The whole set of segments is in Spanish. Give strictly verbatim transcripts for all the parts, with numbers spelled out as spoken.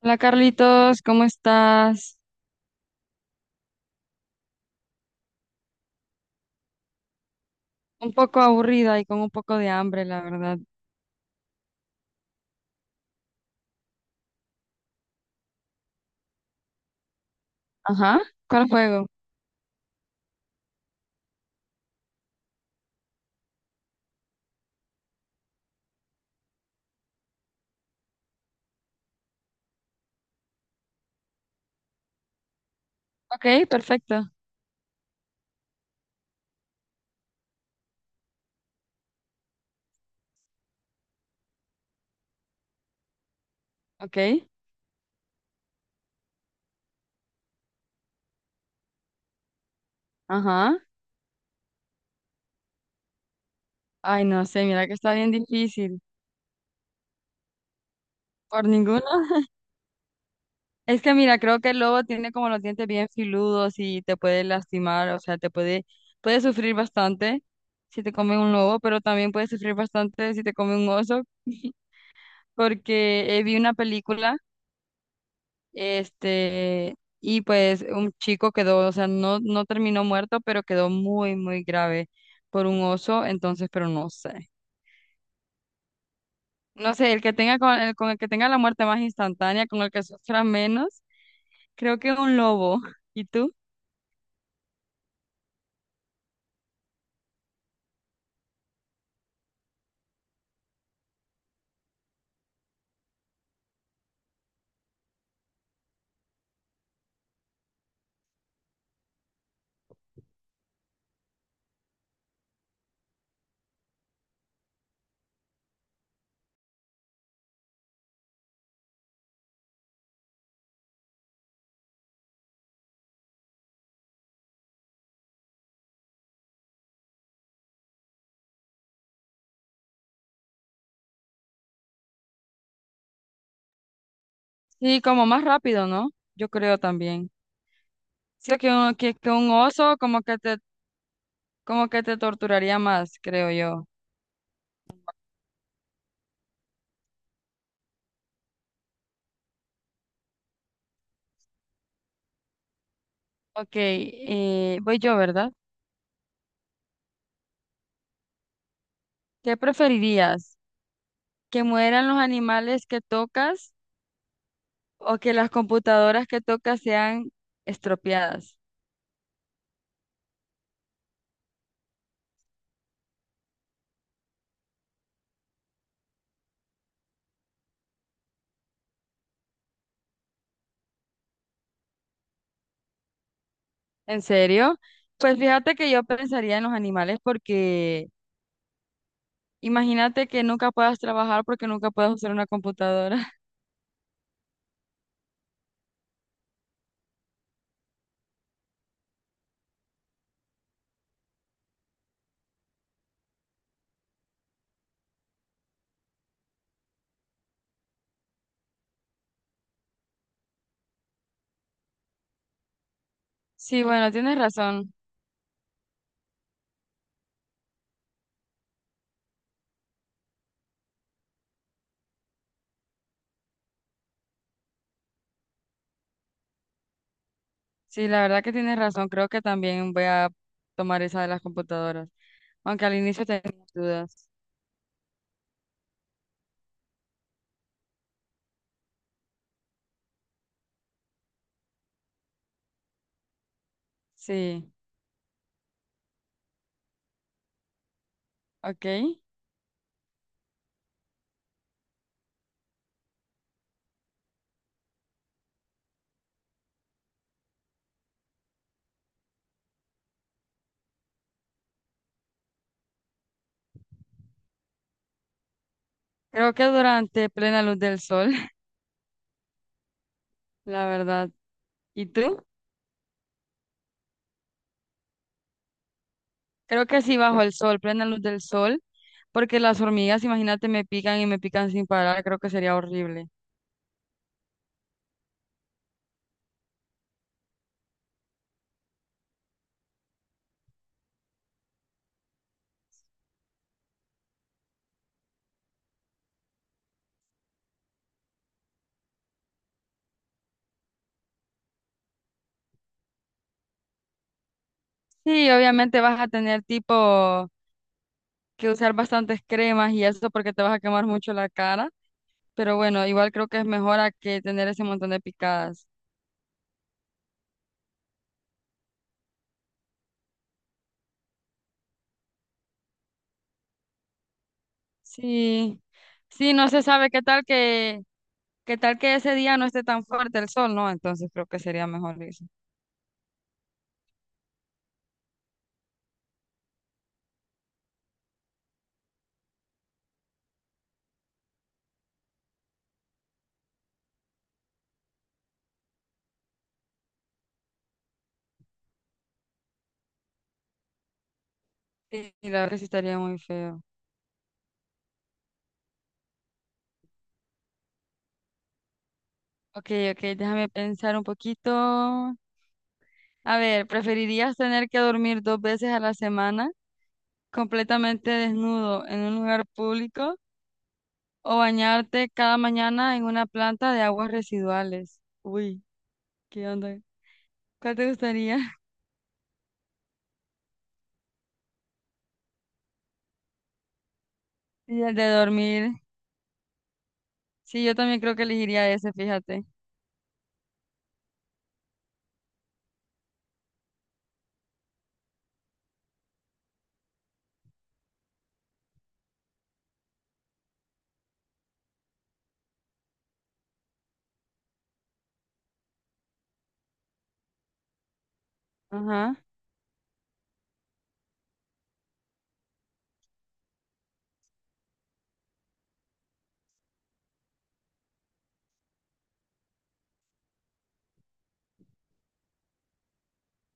Hola Carlitos, ¿cómo estás? Un poco aburrida y con un poco de hambre, la verdad. Ajá, ¿cuál juego? Ok, perfecto. Ok, ajá. Ay, no sé, mira que está bien difícil. ¿Por ninguno? Es que mira, creo que el lobo tiene como los dientes bien filudos y te puede lastimar, o sea, te puede, puede sufrir bastante si te come un lobo, pero también puede sufrir bastante si te come un oso, porque eh, vi una película. Este, y pues un chico quedó, o sea, no, no terminó muerto, pero quedó muy, muy grave por un oso, entonces, pero no sé. No sé, el que tenga con el, con el que tenga la muerte más instantánea, con el que sufra menos, creo que un lobo. ¿Y tú? Sí, como más rápido, ¿no? Yo creo también. Siento que un, que, que un oso como que te, como que te torturaría más, creo yo. Ok, eh, voy yo, ¿verdad? ¿Qué preferirías? ¿Que mueran los animales que tocas o que las computadoras que tocas sean estropeadas? ¿En serio? Pues fíjate que yo pensaría en los animales porque imagínate que nunca puedas trabajar porque nunca puedas usar una computadora. Sí, bueno, tienes razón. Sí, la verdad que tienes razón. Creo que también voy a tomar esa de las computadoras, aunque al inicio tenía mis dudas. Sí, ok. Creo que durante plena luz del sol, la verdad. ¿Y tú? Creo que sí, bajo el sol, plena luz del sol, porque las hormigas, imagínate, me pican y me pican sin parar, creo que sería horrible. Sí, obviamente vas a tener tipo que usar bastantes cremas y eso porque te vas a quemar mucho la cara, pero bueno, igual creo que es mejor a que tener ese montón de picadas. Sí, sí, no se sabe qué tal que, qué tal que ese día no esté tan fuerte el sol, ¿no? Entonces creo que sería mejor eso. Sí, la verdad que sí estaría muy feo. Ok, ok, déjame pensar un poquito. A ver, ¿preferirías tener que dormir dos veces a la semana completamente desnudo en un lugar público o bañarte cada mañana en una planta de aguas residuales? Uy, ¿qué onda? ¿Cuál te gustaría? Y el de dormir. Sí, yo también creo que elegiría ese, fíjate. Ajá.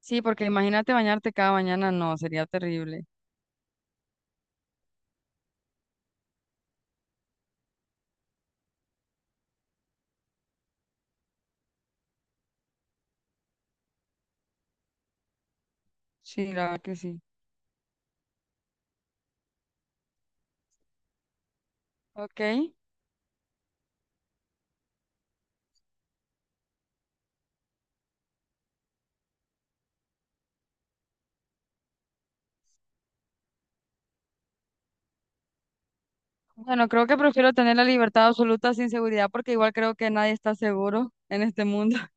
Sí, porque imagínate bañarte cada mañana, no, sería terrible. Sí, la verdad que sí. Ok. Bueno, creo que prefiero tener la libertad absoluta sin seguridad porque igual creo que nadie está seguro en este mundo.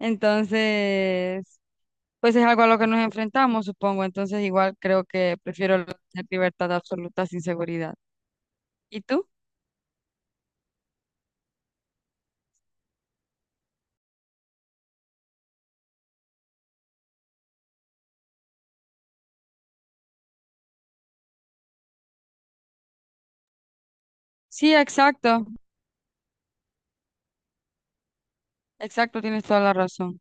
Entonces, pues es algo a lo que nos enfrentamos, supongo. Entonces, igual creo que prefiero tener libertad absoluta sin seguridad. ¿Y tú? Sí, exacto. Exacto, tienes toda la razón.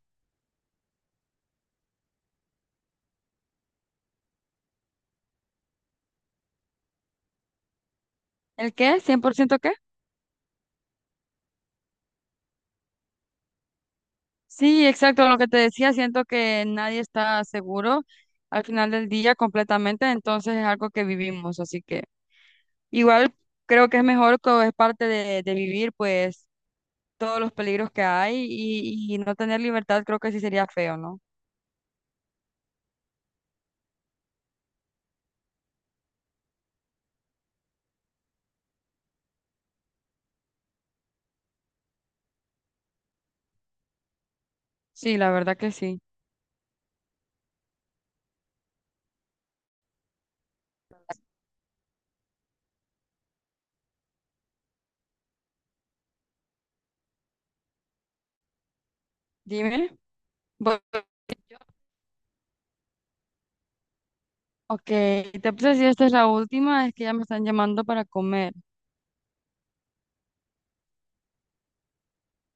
¿El qué? ¿Cien por ciento qué? Sí, exacto, lo que te decía, siento que nadie está seguro al final del día completamente, entonces es algo que vivimos, así que igual creo que es mejor, que es parte de, de vivir pues todos los peligros que hay y, y no tener libertad creo que sí sería feo, ¿no? Sí, la verdad que sí. Dime. Bu- ok, te puse si esta es la última, es que ya me están llamando para comer.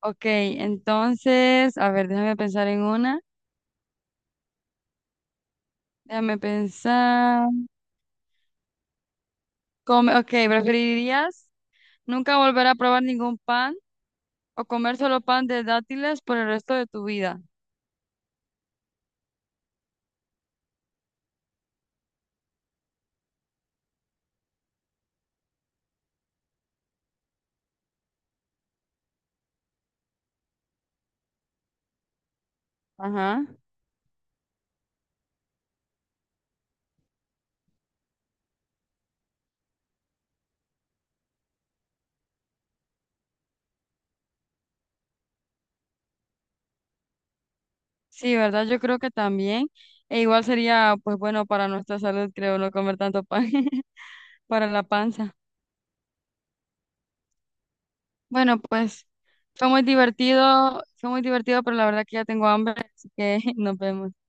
Ok, entonces, a ver, déjame pensar en una. Déjame pensar. Come, ok, ¿preferirías nunca volver a probar ningún pan o comer solo pan de dátiles por el resto de tu vida? Ajá. Sí, ¿verdad? Yo creo que también. E igual sería, pues bueno, para nuestra salud, creo, no comer tanto pan para la panza. Bueno, pues fue muy divertido, fue muy divertido, pero la verdad que ya tengo hambre, así que nos vemos.